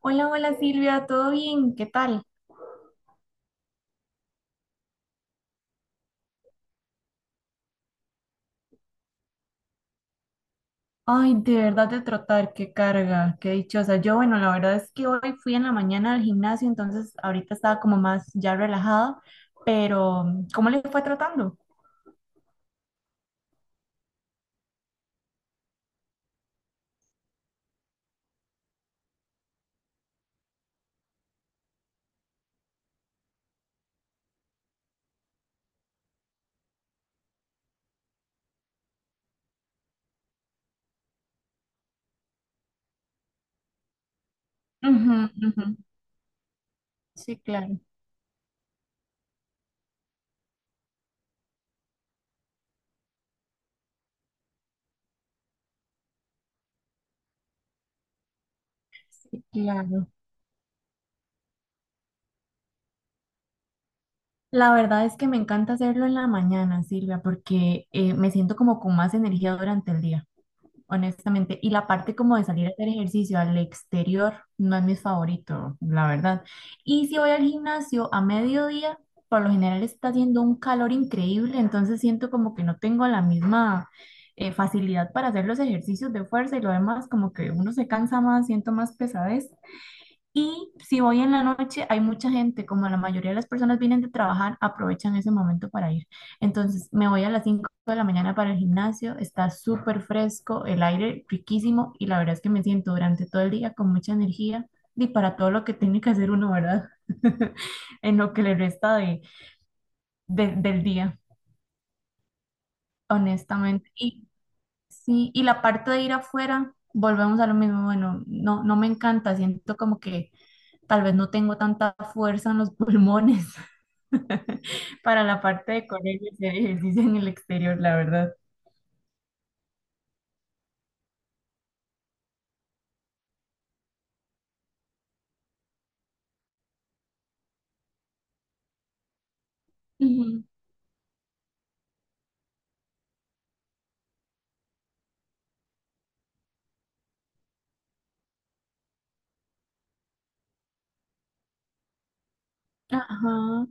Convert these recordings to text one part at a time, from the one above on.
Hola, hola Silvia, ¿todo bien? ¿Qué tal? Ay, de verdad de trotar, qué carga, qué dichosa. Yo, bueno, la verdad es que hoy fui en la mañana al gimnasio, entonces ahorita estaba como más ya relajada, pero ¿cómo le fue tratando? Ujú, ujú. Sí, claro, sí, claro. La verdad es que me encanta hacerlo en la mañana, Silvia, porque me siento como con más energía durante el día, honestamente. Y la parte como de salir a hacer ejercicio al exterior no es mi favorito, la verdad. Y si voy al gimnasio a mediodía, por lo general está haciendo un calor increíble, entonces siento como que no tengo la misma facilidad para hacer los ejercicios de fuerza y lo demás, como que uno se cansa más, siento más pesadez. Y si voy en la noche, hay mucha gente, como la mayoría de las personas vienen de trabajar, aprovechan ese momento para ir. Entonces, me voy a las 5 de la mañana para el gimnasio, está súper fresco, el aire riquísimo y la verdad es que me siento durante todo el día con mucha energía y para todo lo que tiene que hacer uno, ¿verdad? En lo que le resta del día, honestamente. Y sí, y la parte de ir afuera, volvemos a lo mismo, bueno, no, no me encanta, siento como que tal vez no tengo tanta fuerza en los pulmones para la parte de correr y hacer ejercicio en el exterior, la verdad. Ujú. Ajá,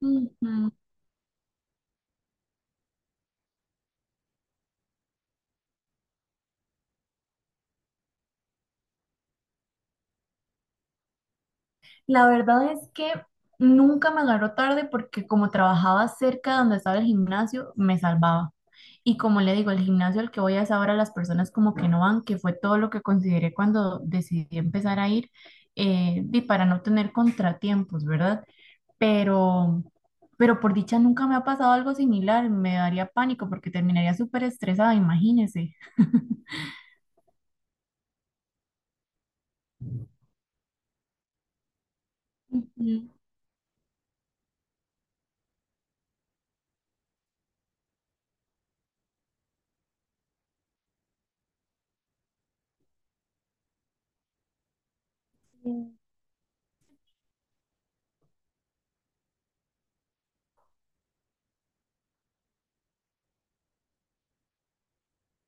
ujú. La verdad es que nunca me agarró tarde porque como trabajaba cerca de donde estaba el gimnasio, me salvaba. Y como le digo, el gimnasio al que voy a es ahora las personas como que no van, que fue todo lo que consideré cuando decidí empezar a ir, y para no tener contratiempos, ¿verdad? pero, pero por dicha nunca me ha pasado algo similar, me daría pánico porque terminaría súper estresada, imagínese. Ujú.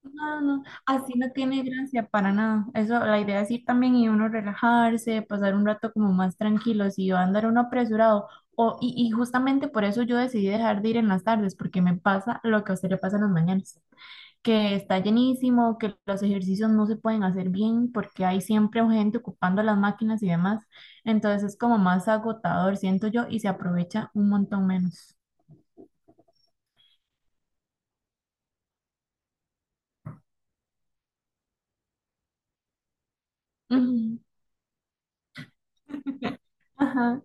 No, no, así no tiene gracia para nada. Eso, la idea es ir también y uno relajarse, pasar un rato como más tranquilo, si va a andar uno apresurado. Y justamente por eso yo decidí dejar de ir en las tardes, porque me pasa lo que a usted le pasa en las mañanas, que está llenísimo, que los ejercicios no se pueden hacer bien porque hay siempre gente ocupando las máquinas y demás. Entonces es como más agotador, siento yo, y se aprovecha un montón menos. Ujú. Ajá,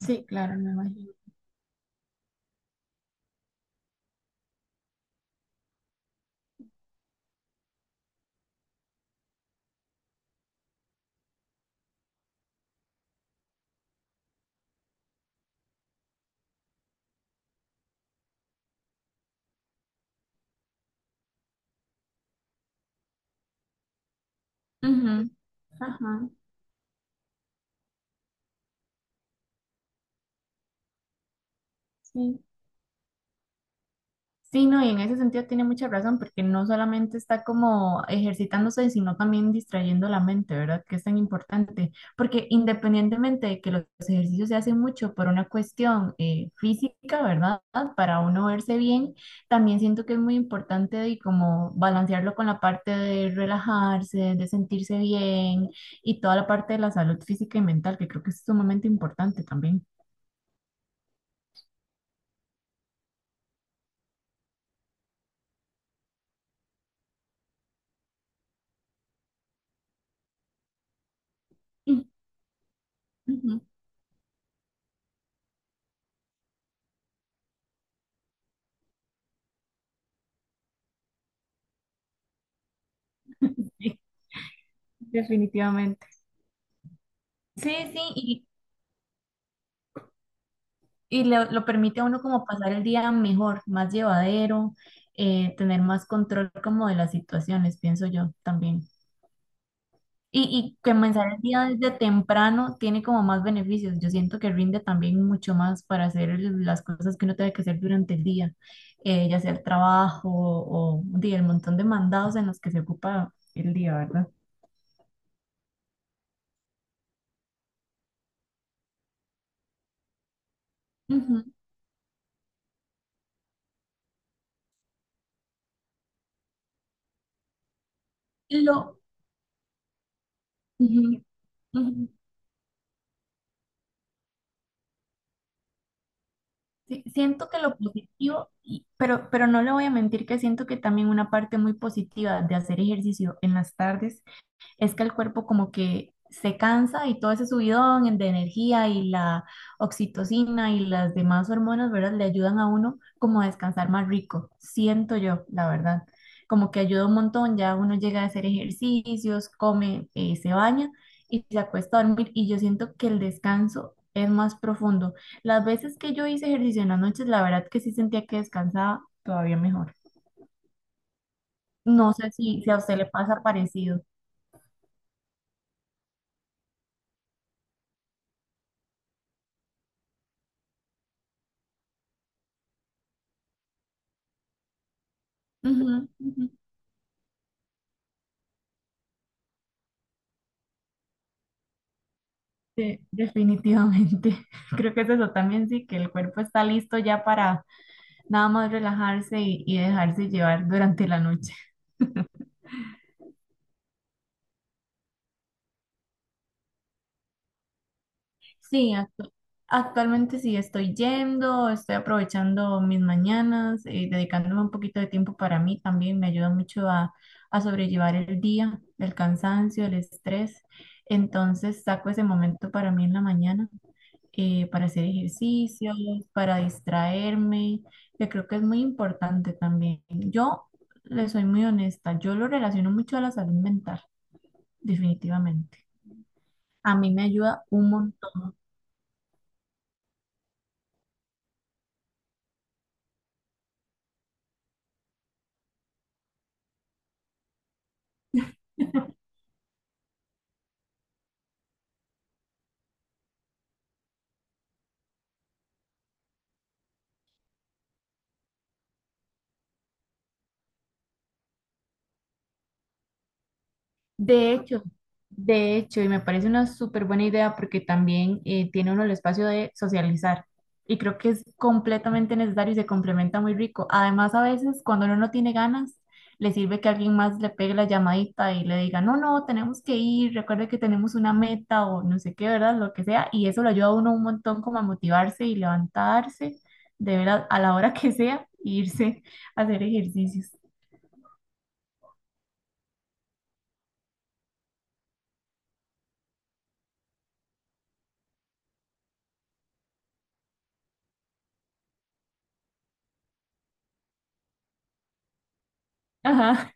sí, claro, me imagino. Ujú, ajá, sí. Sí, no, y en ese sentido tiene mucha razón, porque no solamente está como ejercitándose, sino también distrayendo la mente, ¿verdad? Que es tan importante, porque independientemente de que los ejercicios se hacen mucho por una cuestión física, ¿verdad? Para uno verse bien, también siento que es muy importante de como balancearlo con la parte de relajarse, de sentirse bien y toda la parte de la salud física y mental, que creo que es sumamente importante también. Mm, ujú. Sí, definitivamente. Sí, sí, y lo permite a uno como pasar el día mejor, más llevadero, tener más control como de las situaciones, pienso yo también. Y comenzar el día desde temprano tiene como más beneficios. Yo siento que rinde también mucho más para hacer las cosas que uno tiene que hacer durante el día, ya sea el trabajo o, di, el montón de mandados en los que se ocupa el día, ¿verdad? Ujú. Lo, ujú, ujú. Sí, siento que lo positivo, pero no le voy a mentir que siento que también una parte muy positiva de hacer ejercicio en las tardes es que el cuerpo como que se cansa y todo ese subidón de energía y la oxitocina y las demás hormonas, ¿verdad? Le ayudan a uno como a descansar más rico, siento yo, la verdad. Como que ayuda un montón, ya uno llega a hacer ejercicios, come, se baña y se acuesta a dormir y yo siento que el descanso es más profundo. Las veces que yo hice ejercicio en las noches, la verdad que sí sentía que descansaba todavía mejor. No sé si a usted le pasa parecido. Ujú, ujú. Sí, definitivamente. Creo que es eso también, sí, que el cuerpo está listo ya para nada más relajarse y dejarse llevar durante la noche. Sí, actualmente sí estoy yendo, estoy aprovechando mis mañanas, dedicándome un poquito de tiempo para mí también, me ayuda mucho a sobrellevar el día, el cansancio, el estrés. Entonces saco ese momento para mí en la mañana, para hacer ejercicios, para distraerme, que creo que es muy importante también. Yo le soy muy honesta, yo lo relaciono mucho a la salud mental, definitivamente. A mí me ayuda un montón. De hecho, de hecho, y me parece una súper buena idea porque también tiene uno el espacio de socializar. Y creo que es completamente necesario y se complementa muy rico. Además, a veces cuando uno no tiene ganas, le sirve que alguien más le pegue la llamadita y le diga, no, no, tenemos que ir, recuerde que tenemos una meta o no sé qué, ¿verdad? Lo que sea. Y eso lo ayuda a uno un montón como a motivarse y levantarse de verdad a la hora que sea e irse a hacer ejercicios. Ajá.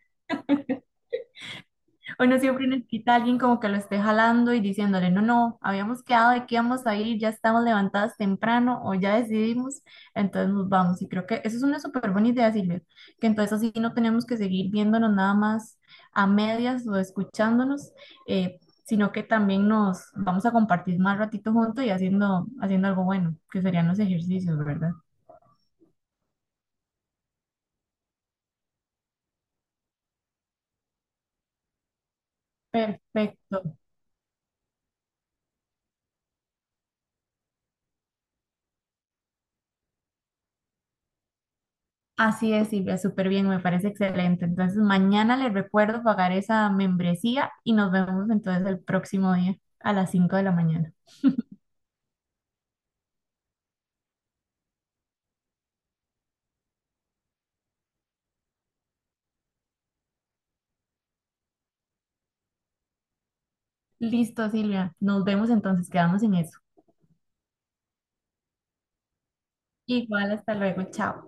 Uno siempre necesita a alguien como que lo esté jalando y diciéndole, no, no, habíamos quedado de que íbamos a ir, ya estamos levantadas temprano o ya decidimos, entonces nos vamos. Y creo que eso es una súper buena idea, Silvia, que entonces así no tenemos que seguir viéndonos nada más a medias o escuchándonos, sino que también nos vamos a compartir más ratito juntos y haciendo, haciendo algo bueno, que serían los ejercicios, ¿verdad? Perfecto. Así es, Silvia, súper bien, me parece excelente. Entonces, mañana les recuerdo pagar esa membresía y nos vemos entonces el próximo día a las 5 de la mañana. Listo, Silvia, nos vemos entonces, quedamos en eso. Igual, hasta luego, chao.